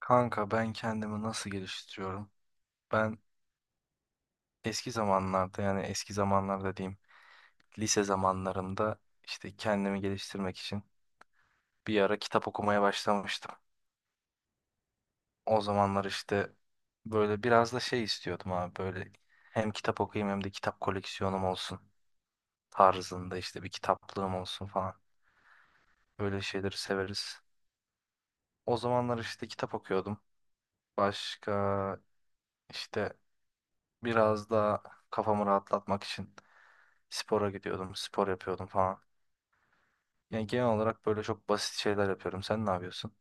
Kanka ben kendimi nasıl geliştiriyorum? Ben eski zamanlarda yani eski zamanlarda diyeyim lise zamanlarımda işte kendimi geliştirmek için bir ara kitap okumaya başlamıştım. O zamanlar işte böyle biraz da şey istiyordum abi böyle hem kitap okuyayım hem de kitap koleksiyonum olsun tarzında işte bir kitaplığım olsun falan. Böyle şeyleri severiz. O zamanlar işte kitap okuyordum. Başka işte biraz da kafamı rahatlatmak için spora gidiyordum, spor yapıyordum falan. Yani genel olarak böyle çok basit şeyler yapıyorum. Sen ne yapıyorsun?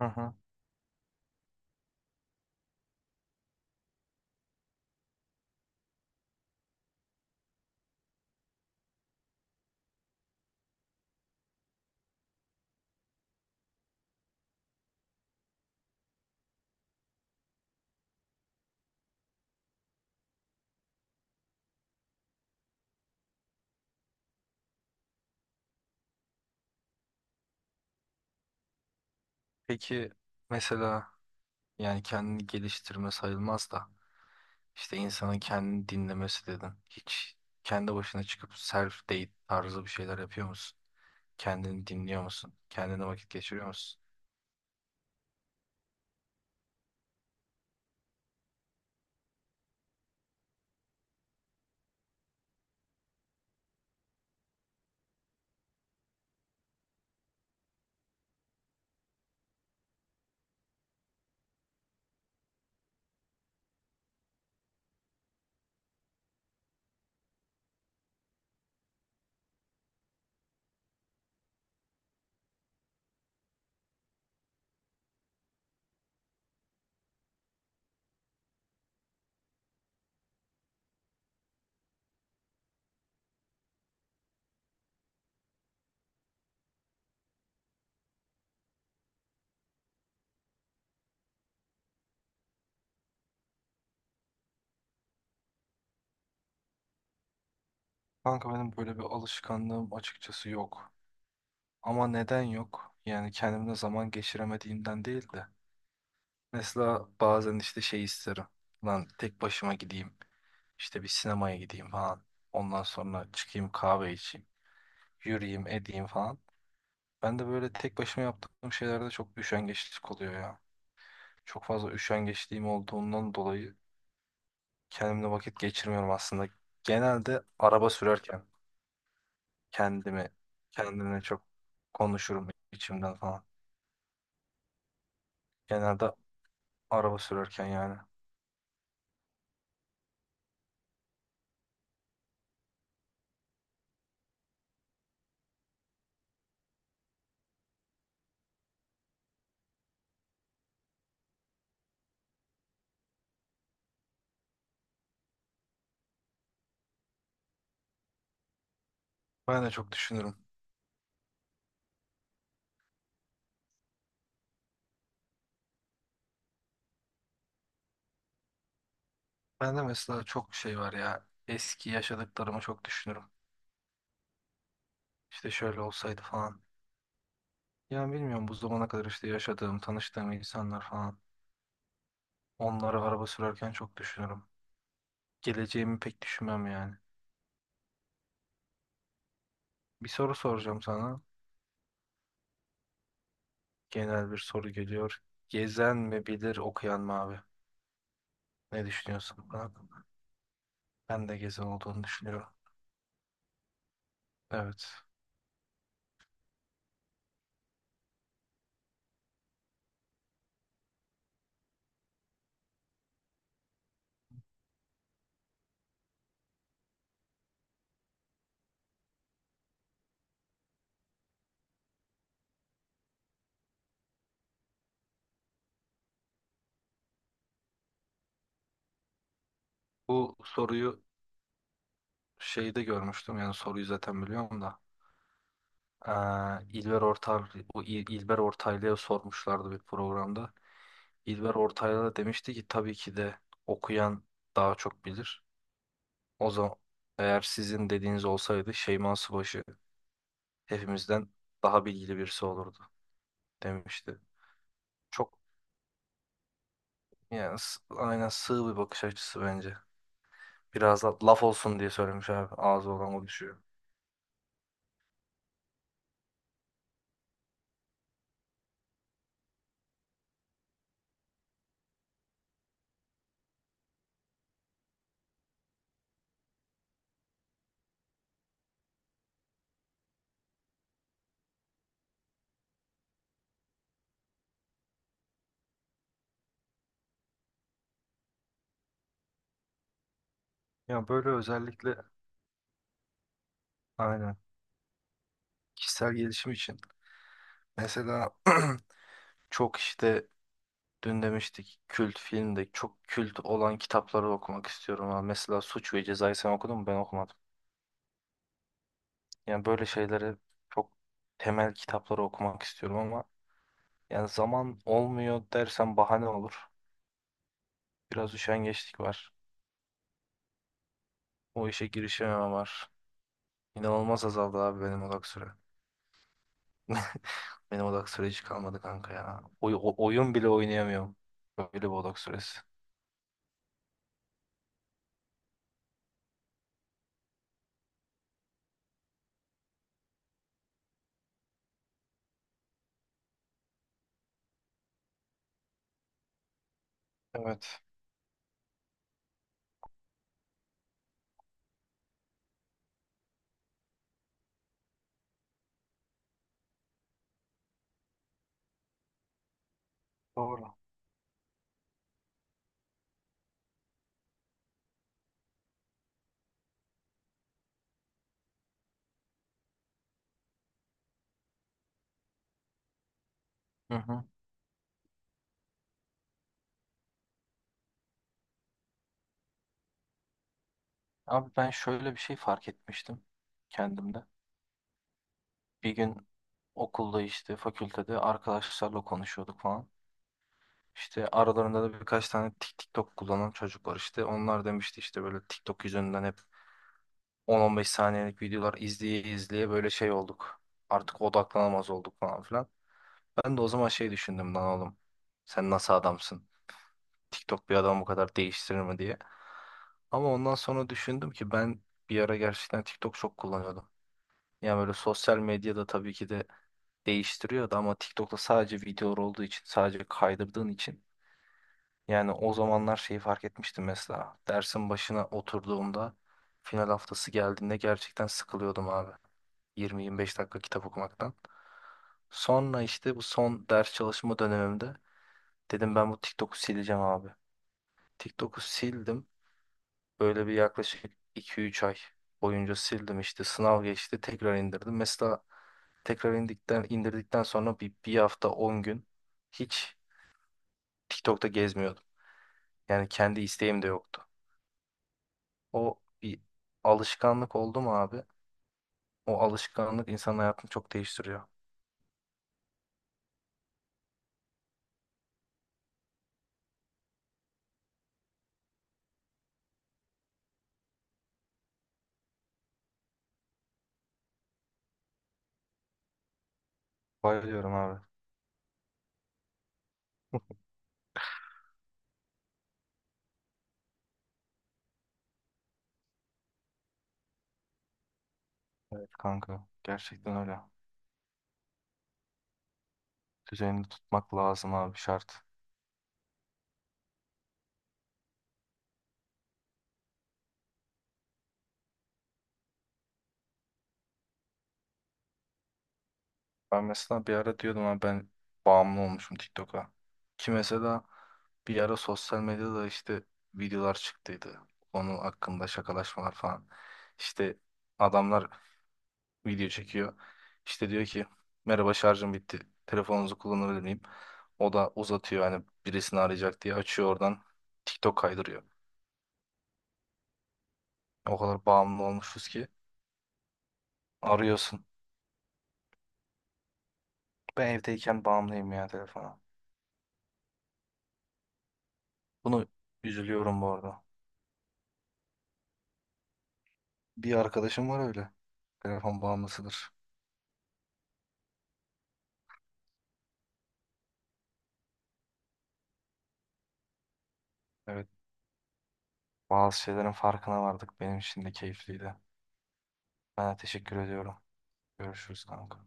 Hı hı. Peki mesela yani kendini geliştirme sayılmaz da işte insanın kendini dinlemesi dedin. Hiç kendi başına çıkıp self date tarzı bir şeyler yapıyor musun? Kendini dinliyor musun? Kendine vakit geçiriyor musun? Kanka benim böyle bir alışkanlığım açıkçası yok. Ama neden yok? Yani kendimle zaman geçiremediğimden değil de. Mesela bazen işte şey isterim. Lan tek başıma gideyim. İşte bir sinemaya gideyim falan. Ondan sonra çıkayım kahve içeyim. Yürüyeyim edeyim falan. Ben de böyle tek başıma yaptığım şeylerde çok üşengeçlik oluyor ya. Çok fazla üşengeçliğim olduğundan dolayı kendimle vakit geçirmiyorum aslında. Genelde araba sürerken kendimi kendimle çok konuşurum içimden falan. Genelde araba sürerken yani. Ben de çok düşünürüm. Ben de mesela çok şey var ya. Eski yaşadıklarımı çok düşünürüm. İşte şöyle olsaydı falan. Yani bilmiyorum bu zamana kadar işte yaşadığım, tanıştığım insanlar falan. Onları araba sürerken çok düşünürüm. Geleceğimi pek düşünmem yani. Bir soru soracağım sana. Genel bir soru geliyor. Gezen mi bilir okuyan mı abi? Ne düşünüyorsun bu konu hakkında? Ben de gezen olduğunu düşünüyorum. Evet. Bu soruyu şeyde görmüştüm. Yani soruyu zaten biliyorum da. Ee, İlber Ortaylı, bu İlber Ortaylı'ya sormuşlardı bir programda. İlber Ortaylı da demişti ki tabii ki de okuyan daha çok bilir. O zaman eğer sizin dediğiniz olsaydı Şeyma Subaşı hepimizden daha bilgili birisi olurdu demişti. Çok yani aynen sığ bir bakış açısı bence. Biraz da laf olsun diye söylemiş abi. Ağzı olan o düşüyor. Ya böyle özellikle aynen kişisel gelişim için. Mesela çok işte dün demiştik kült filmde çok kült olan kitapları okumak istiyorum abi. Mesela Suç ve Ceza'yı sen okudun mu? Ben okumadım. Yani böyle şeyleri çok temel kitapları okumak istiyorum ama yani zaman olmuyor dersen bahane olur. Biraz üşengeçlik var. O işe girişememe var. İnanılmaz azaldı abi benim odak süre. Benim odak süre hiç kalmadı kanka ya. Oyun bile oynayamıyorum. Böyle bir odak süresi. Evet. Doğru. Hı hı. Abi ben şöyle bir şey fark etmiştim kendimde. Bir gün okulda işte fakültede arkadaşlarla konuşuyorduk falan. İşte aralarında da birkaç tane TikTok kullanan çocuk var işte. Onlar demişti işte böyle TikTok yüzünden hep 10-15 saniyelik videolar izleye izleye böyle şey olduk. Artık odaklanamaz olduk falan filan. Ben de o zaman şey düşündüm lan oğlum. Sen nasıl adamsın? TikTok bir adamı bu kadar değiştirir mi diye. Ama ondan sonra düşündüm ki ben bir ara gerçekten TikTok çok kullanıyordum. Yani böyle sosyal medyada tabii ki de değiştiriyordu ama TikTok'ta sadece videolar olduğu için, sadece kaydırdığın için. Yani o zamanlar şeyi fark etmiştim mesela. Dersin başına oturduğumda final haftası geldiğinde gerçekten sıkılıyordum abi. 20-25 dakika kitap okumaktan. Sonra işte bu son ders çalışma dönemimde dedim ben bu TikTok'u sileceğim abi. TikTok'u sildim. Böyle bir yaklaşık 2-3 ay boyunca sildim işte sınav geçti tekrar indirdim. Mesela tekrar indikten, indirdikten sonra bir hafta 10 gün hiç TikTok'ta gezmiyordum. Yani kendi isteğim de yoktu. O bir alışkanlık oldu mu abi? O alışkanlık insanın hayatını çok değiştiriyor. Bayılıyorum abi. Evet kanka. Gerçekten öyle. Düzenini tutmak lazım abi şart. Ben mesela bir ara diyordum abi ben bağımlı olmuşum TikTok'a. Ki mesela bir ara sosyal medyada işte videolar çıktıydı. Onun hakkında şakalaşmalar falan. İşte adamlar video çekiyor. İşte diyor ki merhaba şarjım bitti. Telefonunuzu kullanabilir miyim? O da uzatıyor hani birisini arayacak diye açıyor oradan TikTok kaydırıyor. O kadar bağımlı olmuşuz ki arıyorsun. Ben evdeyken bağımlıyım ya telefona. Bunu üzülüyorum bu arada. Bir arkadaşım var öyle. Telefon bağımlısıdır. Evet. Bazı şeylerin farkına vardık. Benim için de keyifliydi. Ben de teşekkür ediyorum. Görüşürüz kanka.